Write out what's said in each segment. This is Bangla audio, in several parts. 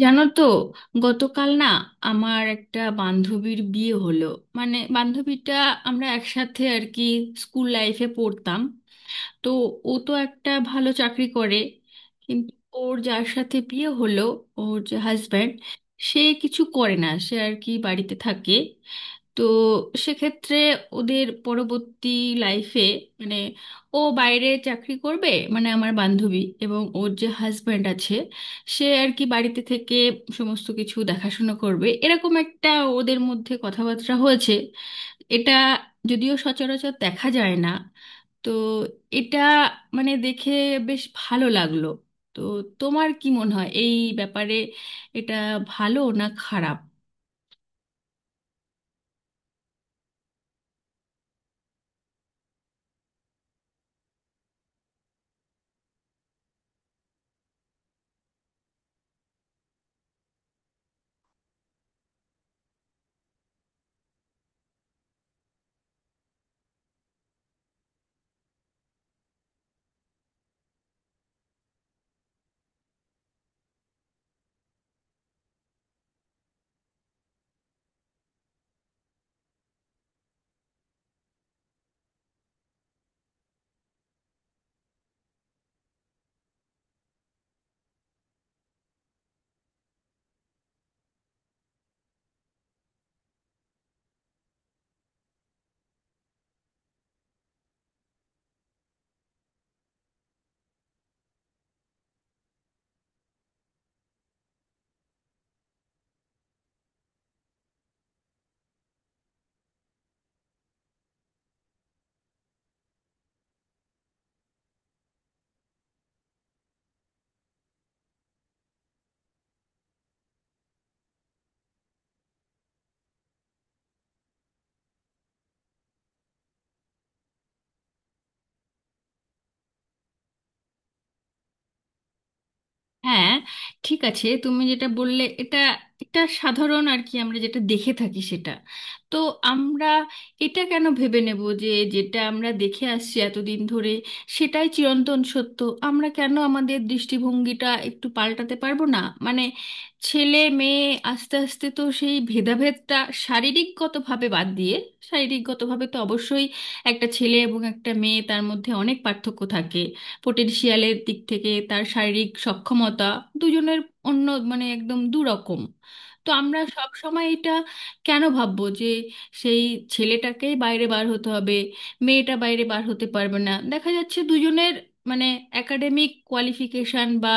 জানো তো? গতকাল না আমার একটা বান্ধবীর বিয়ে হলো। মানে বান্ধবীটা আমরা একসাথে আর কি স্কুল লাইফে পড়তাম। তো ও তো একটা ভালো চাকরি করে, কিন্তু ওর যার সাথে বিয়ে হলো, ওর যে হাজব্যান্ড, সে কিছু করে না, সে আর কি বাড়িতে থাকে। তো সেক্ষেত্রে ওদের পরবর্তী লাইফে মানে ও বাইরে চাকরি করবে, মানে আমার বান্ধবী, এবং ওর যে হাজব্যান্ড আছে, সে আর কি বাড়িতে থেকে সমস্ত কিছু দেখাশোনা করবে, এরকম একটা ওদের মধ্যে কথাবার্তা হয়েছে। এটা যদিও সচরাচর দেখা যায় না। তো এটা মানে দেখে বেশ ভালো লাগলো। তো তোমার কি মনে হয় এই ব্যাপারে, এটা ভালো না খারাপ? হ্যাঁ, ঠিক আছে, তুমি যেটা বললে এটা এটা সাধারণ আর কি, আমরা যেটা দেখে থাকি সেটা। তো আমরা এটা কেন ভেবে নেব যে যেটা আমরা দেখে আসছি এতদিন ধরে সেটাই চিরন্তন সত্য? আমরা কেন আমাদের দৃষ্টিভঙ্গিটা একটু পাল্টাতে পারবো না? মানে ছেলে মেয়ে আস্তে আস্তে তো সেই ভেদাভেদটা শারীরিকগতভাবে বাদ দিয়ে, শারীরিকগতভাবে তো অবশ্যই একটা ছেলে এবং একটা মেয়ে তার মধ্যে অনেক পার্থক্য থাকে। পোটেনশিয়ালের দিক থেকে তার শারীরিক সক্ষমতা দুজনের অন্য, মানে একদম দুরকম। তো আমরা সব সময় এটা কেন ভাববো যে সেই ছেলেটাকেই বাইরে বার হতে হবে, মেয়েটা বাইরে বার হতে পারবে না? দেখা যাচ্ছে দুজনের মানে একাডেমিক কোয়ালিফিকেশন বা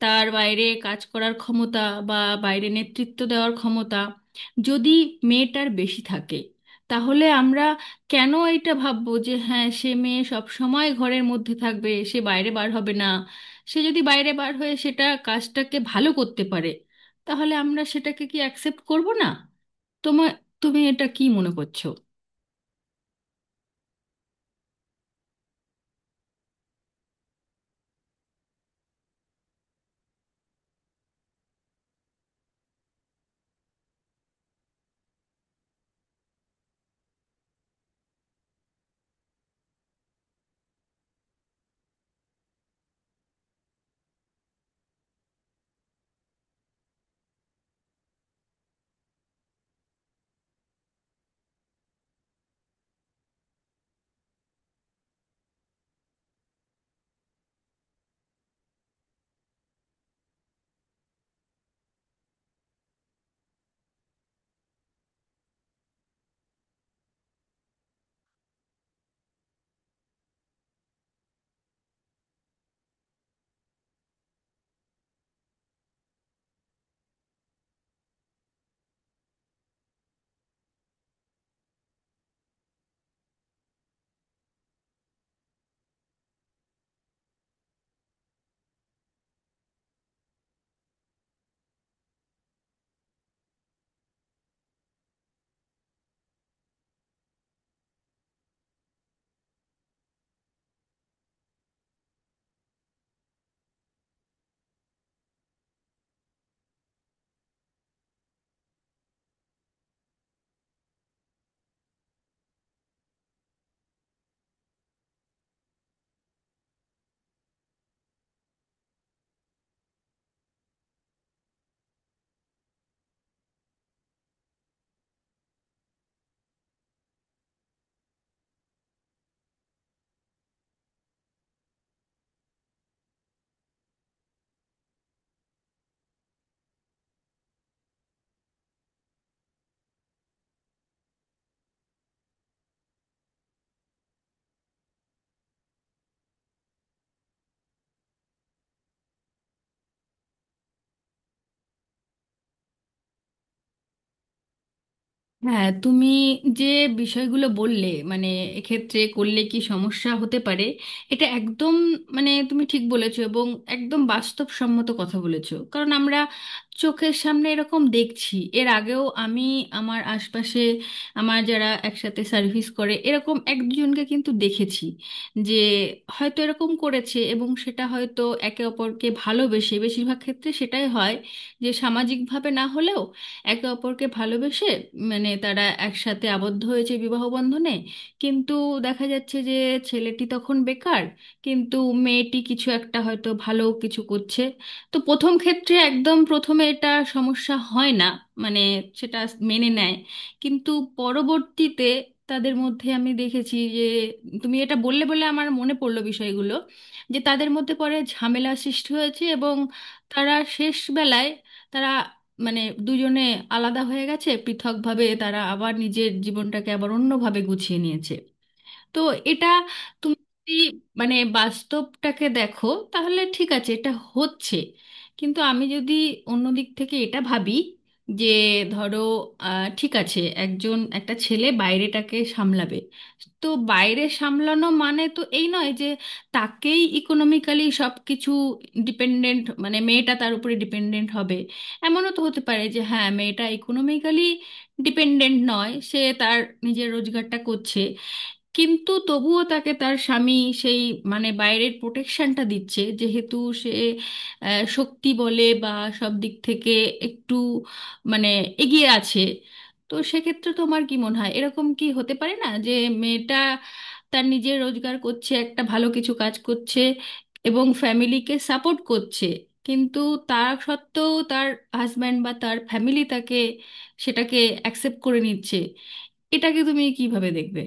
তার বাইরে কাজ করার ক্ষমতা বা বাইরে নেতৃত্ব দেওয়ার ক্ষমতা যদি মেয়েটার বেশি থাকে, তাহলে আমরা কেন এইটা ভাববো যে হ্যাঁ, সে মেয়ে সব সময় ঘরের মধ্যে থাকবে, সে বাইরে বার হবে না? সে যদি বাইরে বার হয়ে সেটা কাজটাকে ভালো করতে পারে, তাহলে আমরা সেটাকে কি অ্যাকসেপ্ট করব না? তোমার, তুমি এটা কি মনে করছো? হ্যাঁ, তুমি যে বিষয়গুলো বললে, মানে এক্ষেত্রে করলে কি সমস্যা হতে পারে, এটা একদম মানে তুমি ঠিক বলেছো, এবং একদম বাস্তবসম্মত কথা বলেছো, কারণ আমরা চোখের সামনে এরকম দেখছি। এর আগেও আমি আমার আশপাশে আমার যারা একসাথে সার্ভিস করে এরকম এক দুজনকে কিন্তু দেখেছি যে হয়তো এরকম করেছে, এবং সেটা হয়তো একে অপরকে ভালোবেসে, বেশিরভাগ ক্ষেত্রে সেটাই হয় যে সামাজিকভাবে না হলেও একে অপরকে ভালোবেসে মানে তারা একসাথে আবদ্ধ হয়েছে বিবাহ বন্ধনে। কিন্তু দেখা যাচ্ছে যে ছেলেটি তখন বেকার, কিন্তু মেয়েটি কিছু একটা হয়তো ভালো কিছু করছে। তো প্রথম ক্ষেত্রে একদম প্রথমে এটা সমস্যা হয় না, মানে সেটা মেনে নেয়। কিন্তু পরবর্তীতে তাদের মধ্যে আমি দেখেছি যে, তুমি এটা বললে বলে আমার মনে পড়লো বিষয়গুলো, যে তাদের মধ্যে পরে ঝামেলা সৃষ্টি হয়েছে, এবং তারা শেষ বেলায় তারা মানে দুজনে আলাদা হয়ে গেছে, পৃথকভাবে তারা আবার নিজের জীবনটাকে আবার অন্যভাবে গুছিয়ে নিয়েছে। তো এটা তুমি যদি মানে বাস্তবটাকে দেখো, তাহলে ঠিক আছে এটা হচ্ছে। কিন্তু আমি যদি অন্য দিক থেকে এটা ভাবি যে, ধরো, ঠিক আছে একজন, একটা ছেলে বাইরেটাকে সামলাবে, তো বাইরে সামলানো মানে তো এই নয় যে তাকেই ইকোনমিক্যালি সব কিছু ডিপেন্ডেন্ট, মানে মেয়েটা তার উপরে ডিপেন্ডেন্ট হবে। এমনও তো হতে পারে যে হ্যাঁ, মেয়েটা ইকোনমিক্যালি ডিপেন্ডেন্ট নয়, সে তার নিজের রোজগারটা করছে, কিন্তু তবুও তাকে তার স্বামী সেই মানে বাইরের প্রোটেকশনটা দিচ্ছে, যেহেতু সে শক্তি বলে বা সব দিক থেকে একটু মানে এগিয়ে আছে। তো সেক্ষেত্রে তোমার কি মনে হয়, এরকম কি হতে পারে না যে মেয়েটা তার নিজের রোজগার করছে, একটা ভালো কিছু কাজ করছে, এবং ফ্যামিলিকে সাপোর্ট করছে, কিন্তু তার সত্ত্বেও তার হাজব্যান্ড বা তার ফ্যামিলি তাকে সেটাকে অ্যাকসেপ্ট করে নিচ্ছে? এটাকে তুমি কিভাবে দেখবে?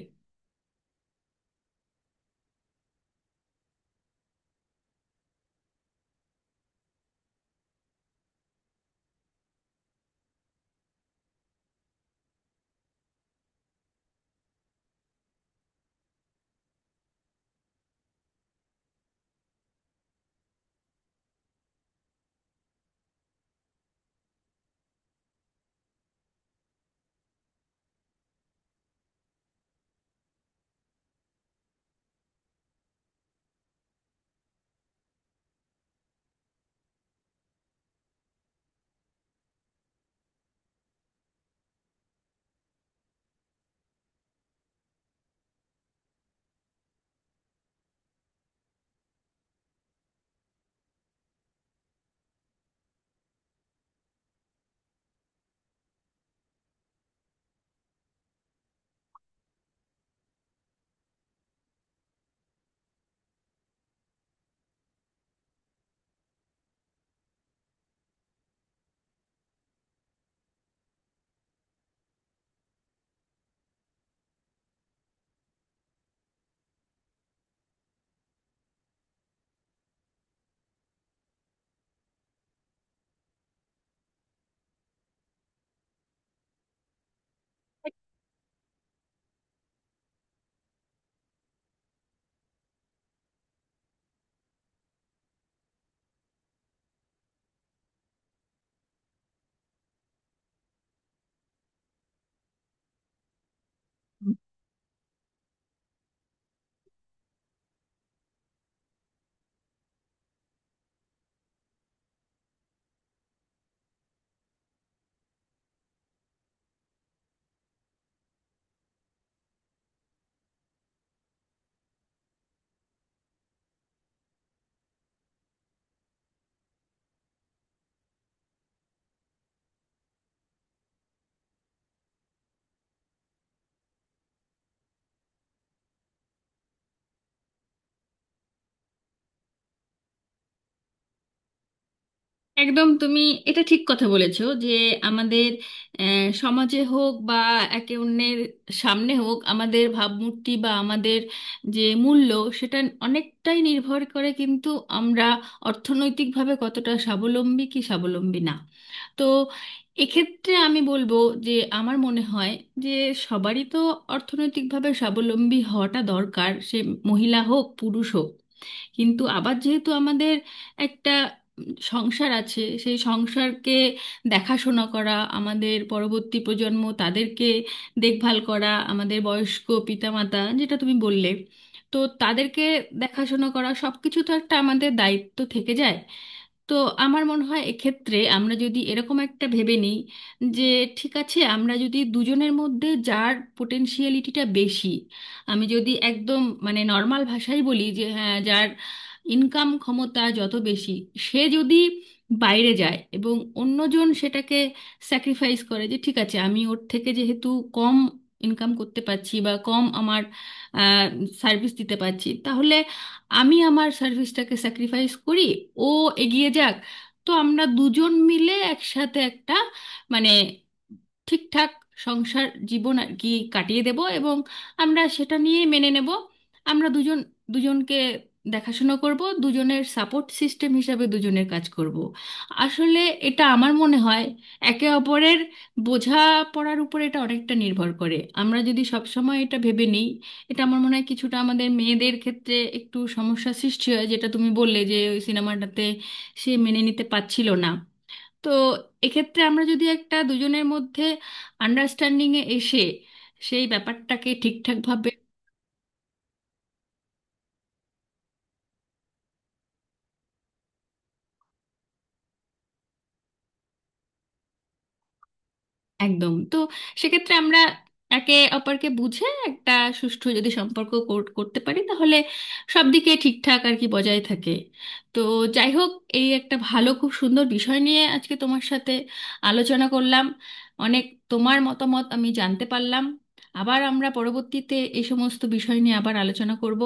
একদম, তুমি এটা ঠিক কথা বলেছো যে আমাদের সমাজে হোক বা একে অন্যের সামনে হোক, আমাদের ভাবমূর্তি বা আমাদের যে মূল্য সেটা অনেকটাই নির্ভর করে কিন্তু আমরা অর্থনৈতিকভাবে কতটা স্বাবলম্বী কি স্বাবলম্বী না। তো এক্ষেত্রে আমি বলবো যে, আমার মনে হয় যে সবারই তো অর্থনৈতিকভাবে স্বাবলম্বী হওয়াটা দরকার, সে মহিলা হোক পুরুষ হোক। কিন্তু আবার যেহেতু আমাদের একটা সংসার আছে, সেই সংসারকে দেখাশোনা করা, আমাদের পরবর্তী প্রজন্ম তাদেরকে দেখভাল করা, আমাদের বয়স্ক পিতামাতা, যেটা তুমি বললে, তো তাদেরকে দেখাশোনা করা, সব কিছু তো একটা আমাদের দায়িত্ব থেকে যায়। তো আমার মনে হয় এক্ষেত্রে আমরা যদি এরকম একটা ভেবে নিই যে, ঠিক আছে আমরা যদি দুজনের মধ্যে যার পোটেনশিয়ালিটিটা বেশি, আমি যদি একদম মানে নর্মাল ভাষায় বলি যে হ্যাঁ, যার ইনকাম ক্ষমতা যত বেশি, সে যদি বাইরে যায় এবং অন্যজন সেটাকে স্যাক্রিফাইস করে যে ঠিক আছে আমি ওর থেকে যেহেতু কম ইনকাম করতে পারছি বা কম আমার সার্ভিস দিতে পারছি, তাহলে আমি আমার সার্ভিসটাকে স্যাক্রিফাইস করি, ও এগিয়ে যাক। তো আমরা দুজন মিলে একসাথে একটা মানে ঠিকঠাক সংসার জীবন আর কি কাটিয়ে দেব, এবং আমরা সেটা নিয়ে মেনে নেব, আমরা দুজন দুজনকে দেখাশোনা করব, দুজনের সাপোর্ট সিস্টেম হিসাবে দুজনের কাজ করব। আসলে এটা আমার মনে হয় একে অপরের বোঝা পড়ার উপর এটা অনেকটা নির্ভর করে। আমরা যদি সব সময় এটা ভেবে নিই, এটা আমার মনে হয় কিছুটা আমাদের মেয়েদের ক্ষেত্রে একটু সমস্যা সৃষ্টি হয়, যেটা তুমি বললে যে ওই সিনেমাটাতে সে মেনে নিতে পারছিল না। তো এক্ষেত্রে আমরা যদি একটা দুজনের মধ্যে আন্ডারস্ট্যান্ডিং এ এসে সেই ব্যাপারটাকে ঠিকঠাক ভাবে একদম, তো সেক্ষেত্রে আমরা একে অপরকে বুঝে একটা সুষ্ঠু যদি সম্পর্ক করতে পারি, তাহলে সব দিকে ঠিকঠাক আর কি বজায় থাকে। তো যাই হোক, এই একটা ভালো খুব সুন্দর বিষয় নিয়ে আজকে তোমার সাথে আলোচনা করলাম, অনেক তোমার মতামত আমি জানতে পারলাম। আবার আমরা পরবর্তীতে এই সমস্ত বিষয় নিয়ে আবার আলোচনা করব।